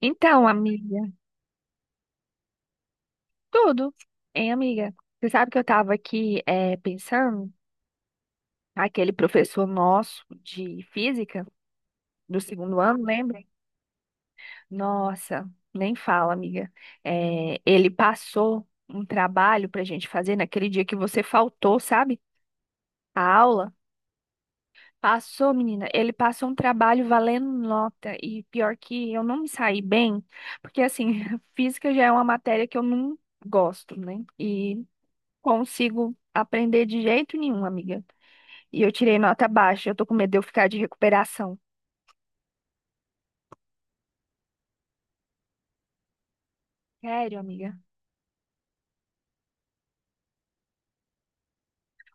Então, amiga, tudo, hein, amiga? Você sabe que eu tava aqui pensando, aquele professor nosso de física do segundo ano, lembra? Nossa, nem fala, amiga. Ele passou um trabalho pra gente fazer naquele dia que você faltou, sabe? A aula. Passou, menina. Ele passou um trabalho valendo nota. E pior que eu não me saí bem, porque assim, física já é uma matéria que eu não gosto, né? E consigo aprender de jeito nenhum, amiga. E eu tirei nota baixa, eu tô com medo de eu ficar de recuperação. Sério, amiga?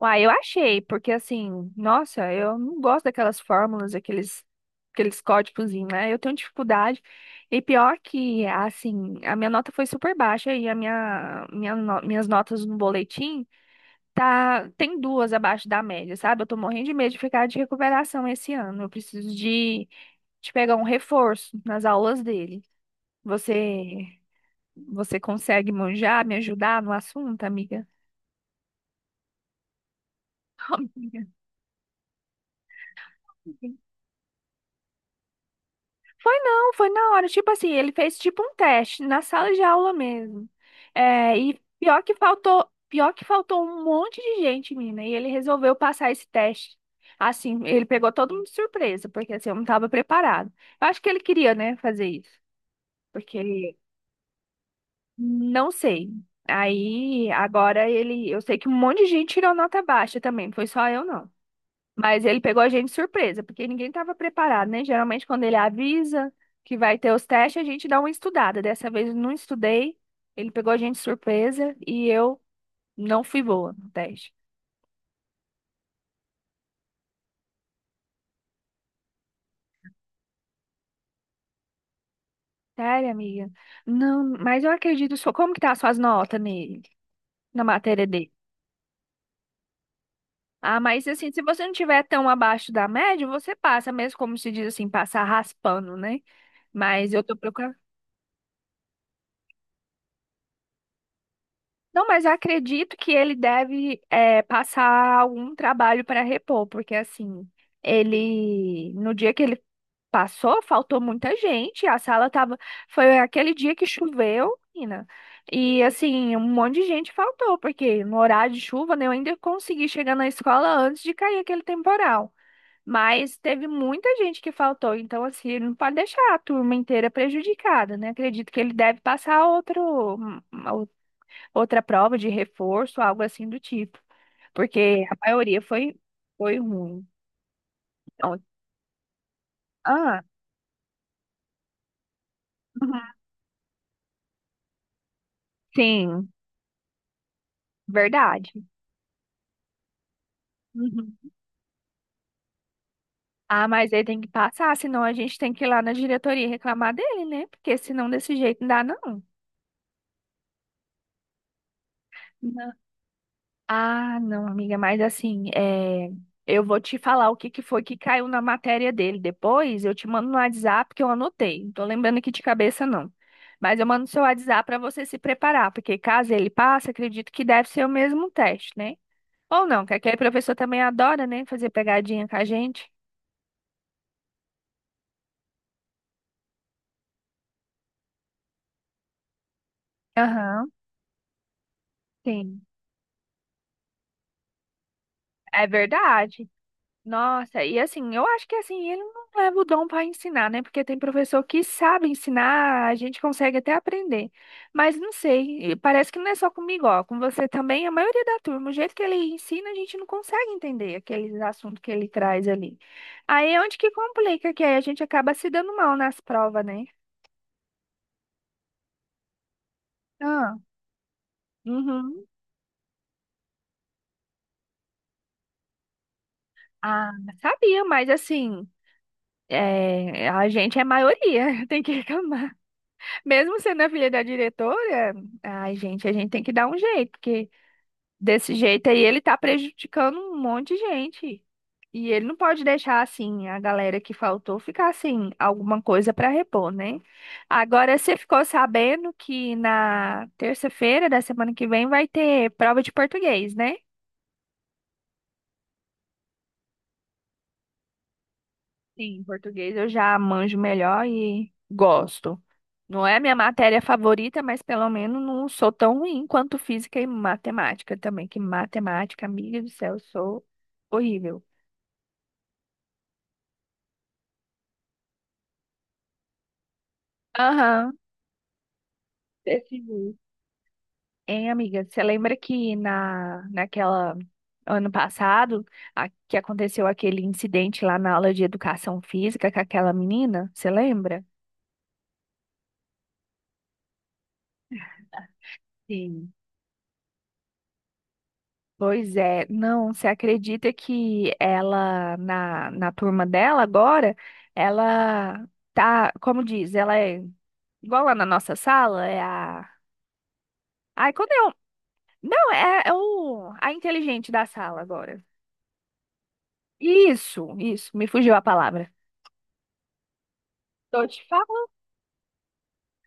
Uai, eu achei, porque assim, nossa, eu não gosto daquelas fórmulas, aqueles, aqueles códigos, né? Eu tenho dificuldade. E pior que, assim, a minha nota foi super baixa e a minha, minhas notas no boletim tá, tem duas abaixo da média, sabe? Eu tô morrendo de medo de ficar de recuperação esse ano. Eu preciso de pegar um reforço nas aulas dele. Você, você consegue manjar, me ajudar no assunto, amiga? Amiga. Foi não, foi na hora. Tipo assim, ele fez tipo um teste na sala de aula mesmo. É, e pior que faltou um monte de gente, mina, e ele resolveu passar esse teste. Assim, ele pegou todo mundo de surpresa, porque assim, eu não estava preparado. Eu acho que ele queria, né, fazer isso, porque não sei. Aí, agora ele, eu sei que um monte de gente tirou nota baixa também, não foi só eu não. Mas ele pegou a gente de surpresa, porque ninguém estava preparado, né? Geralmente, quando ele avisa que vai ter os testes, a gente dá uma estudada. Dessa vez eu não estudei, ele pegou a gente de surpresa e eu não fui boa no teste. Sério, amiga? Não, mas eu acredito só. Como que tá as suas notas nele, na matéria dele? Ah, mas assim, se você não tiver tão abaixo da média, você passa, mesmo como se diz assim, passar raspando, né? Mas eu tô procurando. Não, mas acredito que ele deve passar algum trabalho para repor, porque assim, ele no dia que ele passou, faltou muita gente, a sala tava, foi aquele dia que choveu, menina. E assim, um monte de gente faltou, porque no horário de chuva, né, eu ainda consegui chegar na escola antes de cair aquele temporal. Mas teve muita gente que faltou, então assim, ele não pode deixar a turma inteira prejudicada, né? Acredito que ele deve passar outro, outra prova de reforço, algo assim do tipo, porque a maioria foi, foi ruim. Então, ah, uhum, sim, verdade. Uhum. Ah, mas ele tem que passar, senão a gente tem que ir lá na diretoria reclamar dele, né? Porque senão desse jeito não dá, não. Não. Ah, não, amiga, mas assim, eu vou te falar o que que foi que caiu na matéria dele. Depois eu te mando no WhatsApp que eu anotei. Não tô lembrando aqui de cabeça, não. Mas eu mando no seu WhatsApp para você se preparar, porque caso ele passe, acredito que deve ser o mesmo teste, né? Ou não, que aquele professor também adora, né, fazer pegadinha com a gente. Aham, sim. É verdade. Nossa, e assim, eu acho que assim, ele não leva o dom para ensinar, né? Porque tem professor que sabe ensinar, a gente consegue até aprender. Mas não sei, e parece que não é só comigo, ó, com você também, a maioria da turma, o jeito que ele ensina, a gente não consegue entender aqueles assuntos que ele traz ali. Aí é onde que complica, que aí a gente acaba se dando mal nas provas, né? Ah, uhum. Ah, sabia, mas assim, é, a gente é maioria, tem que reclamar. Mesmo sendo a filha da diretora, ai, gente, a gente tem que dar um jeito, porque desse jeito aí ele tá prejudicando um monte de gente. E ele não pode deixar assim a galera que faltou ficar assim alguma coisa para repor, né? Agora você ficou sabendo que na terça-feira da semana que vem vai ter prova de português, né? Sim, em português eu já manjo melhor e gosto. Não é a minha matéria favorita, mas pelo menos não sou tão ruim quanto física e matemática também, que matemática, amiga do céu, eu sou horrível. Aham, desse jeito. Hein, amiga, você lembra que naquela ano passado que aconteceu aquele incidente lá na aula de educação física com aquela menina? Você lembra? Sim. Pois é, não, você acredita que ela, na turma dela agora, ela tá, como diz, ela é igual lá na nossa sala, é a. Ai, quando eu. Não, a inteligente da sala agora. Isso, me fugiu a palavra. Tô te falando.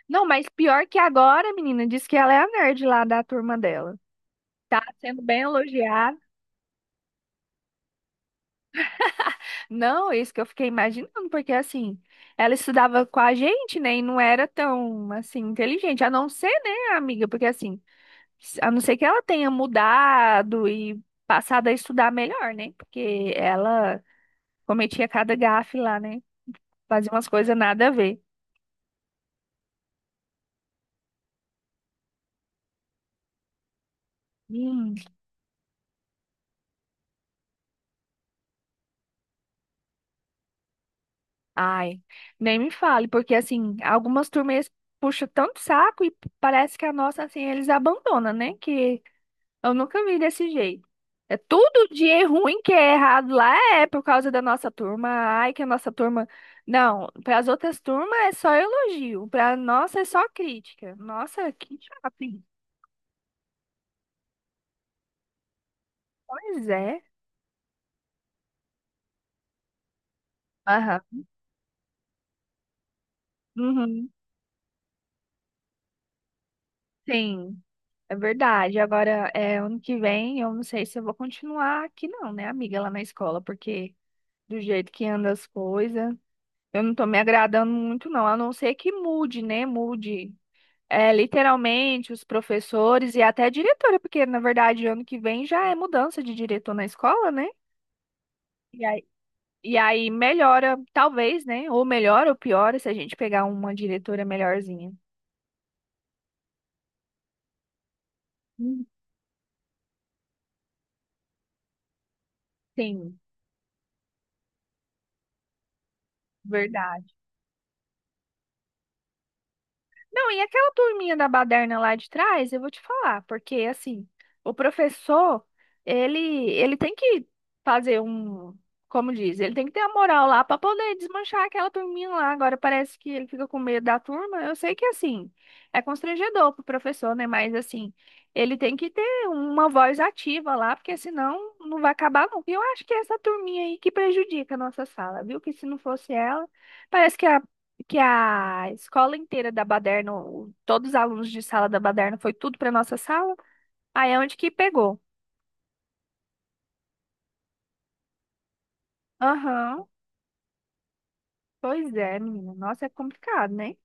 Não, mas pior que agora, menina, diz que ela é a nerd lá da turma dela. Tá sendo bem elogiada. Não, é isso que eu fiquei imaginando, porque assim, ela estudava com a gente, né, e não era tão, assim, inteligente, a não ser, né, amiga, porque assim, a não ser que ela tenha mudado e passado a estudar melhor, né, porque ela cometia cada gafe lá, né, fazia umas coisas nada a ver. Hum, ai, nem me fale, porque assim, algumas turmas puxam tanto saco e parece que a nossa, assim, eles abandonam, né, que eu nunca vi desse jeito. É tudo de ruim que é errado lá é por causa da nossa turma. Ai, que a nossa turma. Não, para as outras turmas é só elogio, para nossa é só crítica. Nossa, que chato, hein? Pois é. Aham. Uhum. Sim, é verdade. Agora, é, ano que vem, eu não sei se eu vou continuar aqui, não, né, amiga, lá na escola, porque do jeito que anda as coisas, eu não tô me agradando muito, não. A não ser que mude, né? Mude. É, literalmente, os professores e até a diretora, porque na verdade ano que vem já é mudança de diretor na escola, né? E aí, e aí melhora, talvez, né? Ou melhora ou piora se a gente pegar uma diretora melhorzinha. Hum, Sim, verdade. Não, e aquela turminha da baderna lá de trás, eu vou te falar, porque assim, o professor, ele, ele tem que fazer um, como diz, ele tem que ter a moral lá para poder desmanchar aquela turminha lá. Agora parece que ele fica com medo da turma. Eu sei que assim, é constrangedor pro professor, né? Mas assim, ele tem que ter uma voz ativa lá, porque senão não vai acabar nunca. E eu acho que é essa turminha aí que prejudica a nossa sala, viu? Que se não fosse ela, parece que a escola inteira da Baderno, todos os alunos de sala da Baderno, foi tudo para nossa sala. Aí é onde que pegou. Aham, pois é, menina. Nossa, é complicado, né?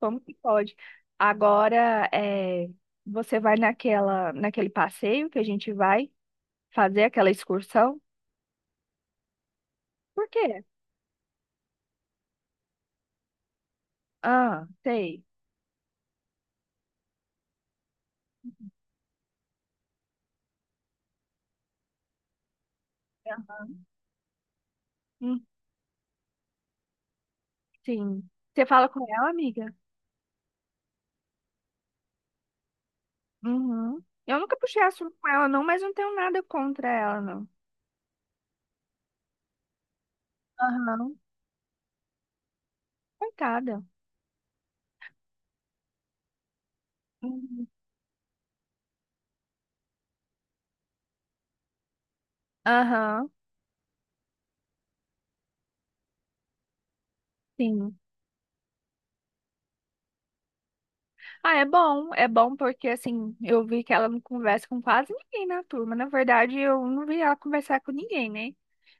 Como que pode? Agora, é, você vai naquele passeio que a gente vai fazer aquela excursão? Por quê? Ah, sei. Ah, hum, sim. Você fala com ela, amiga? Uhum. Eu nunca puxei assunto com ela, não, mas não tenho nada contra ela, não. Aham, coitada. Uhum. Aham, sim. Ah, é bom porque assim, eu vi que ela não conversa com quase ninguém na turma. Na verdade, eu não vi ela conversar com ninguém, né?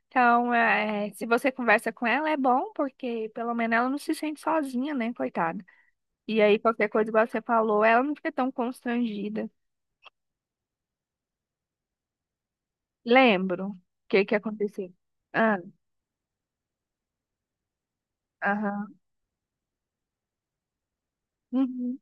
Então, é, se você conversa com ela, é bom, porque pelo menos ela não se sente sozinha, né, coitada? E aí, qualquer coisa que você falou, ela não fica tão constrangida. Lembro o que que aconteceu. Ah, aham. Uhum.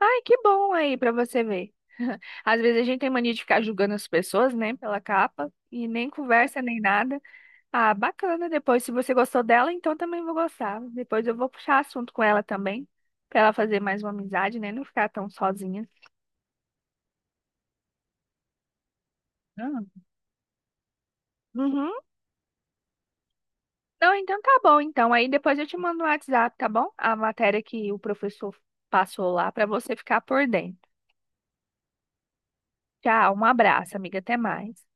Ai, que bom aí pra você ver. Às vezes a gente tem mania de ficar julgando as pessoas, né, pela capa, e nem conversa nem nada. Ah, bacana. Depois, se você gostou dela, então também vou gostar. Depois eu vou puxar assunto com ela também, pra ela fazer mais uma amizade, né? Não ficar tão sozinha. Ah, uhum. Não, então tá bom. Então, aí depois eu te mando no WhatsApp, tá bom? A matéria que o professor passou lá pra você ficar por dentro. Tchau, um abraço, amiga. Até mais.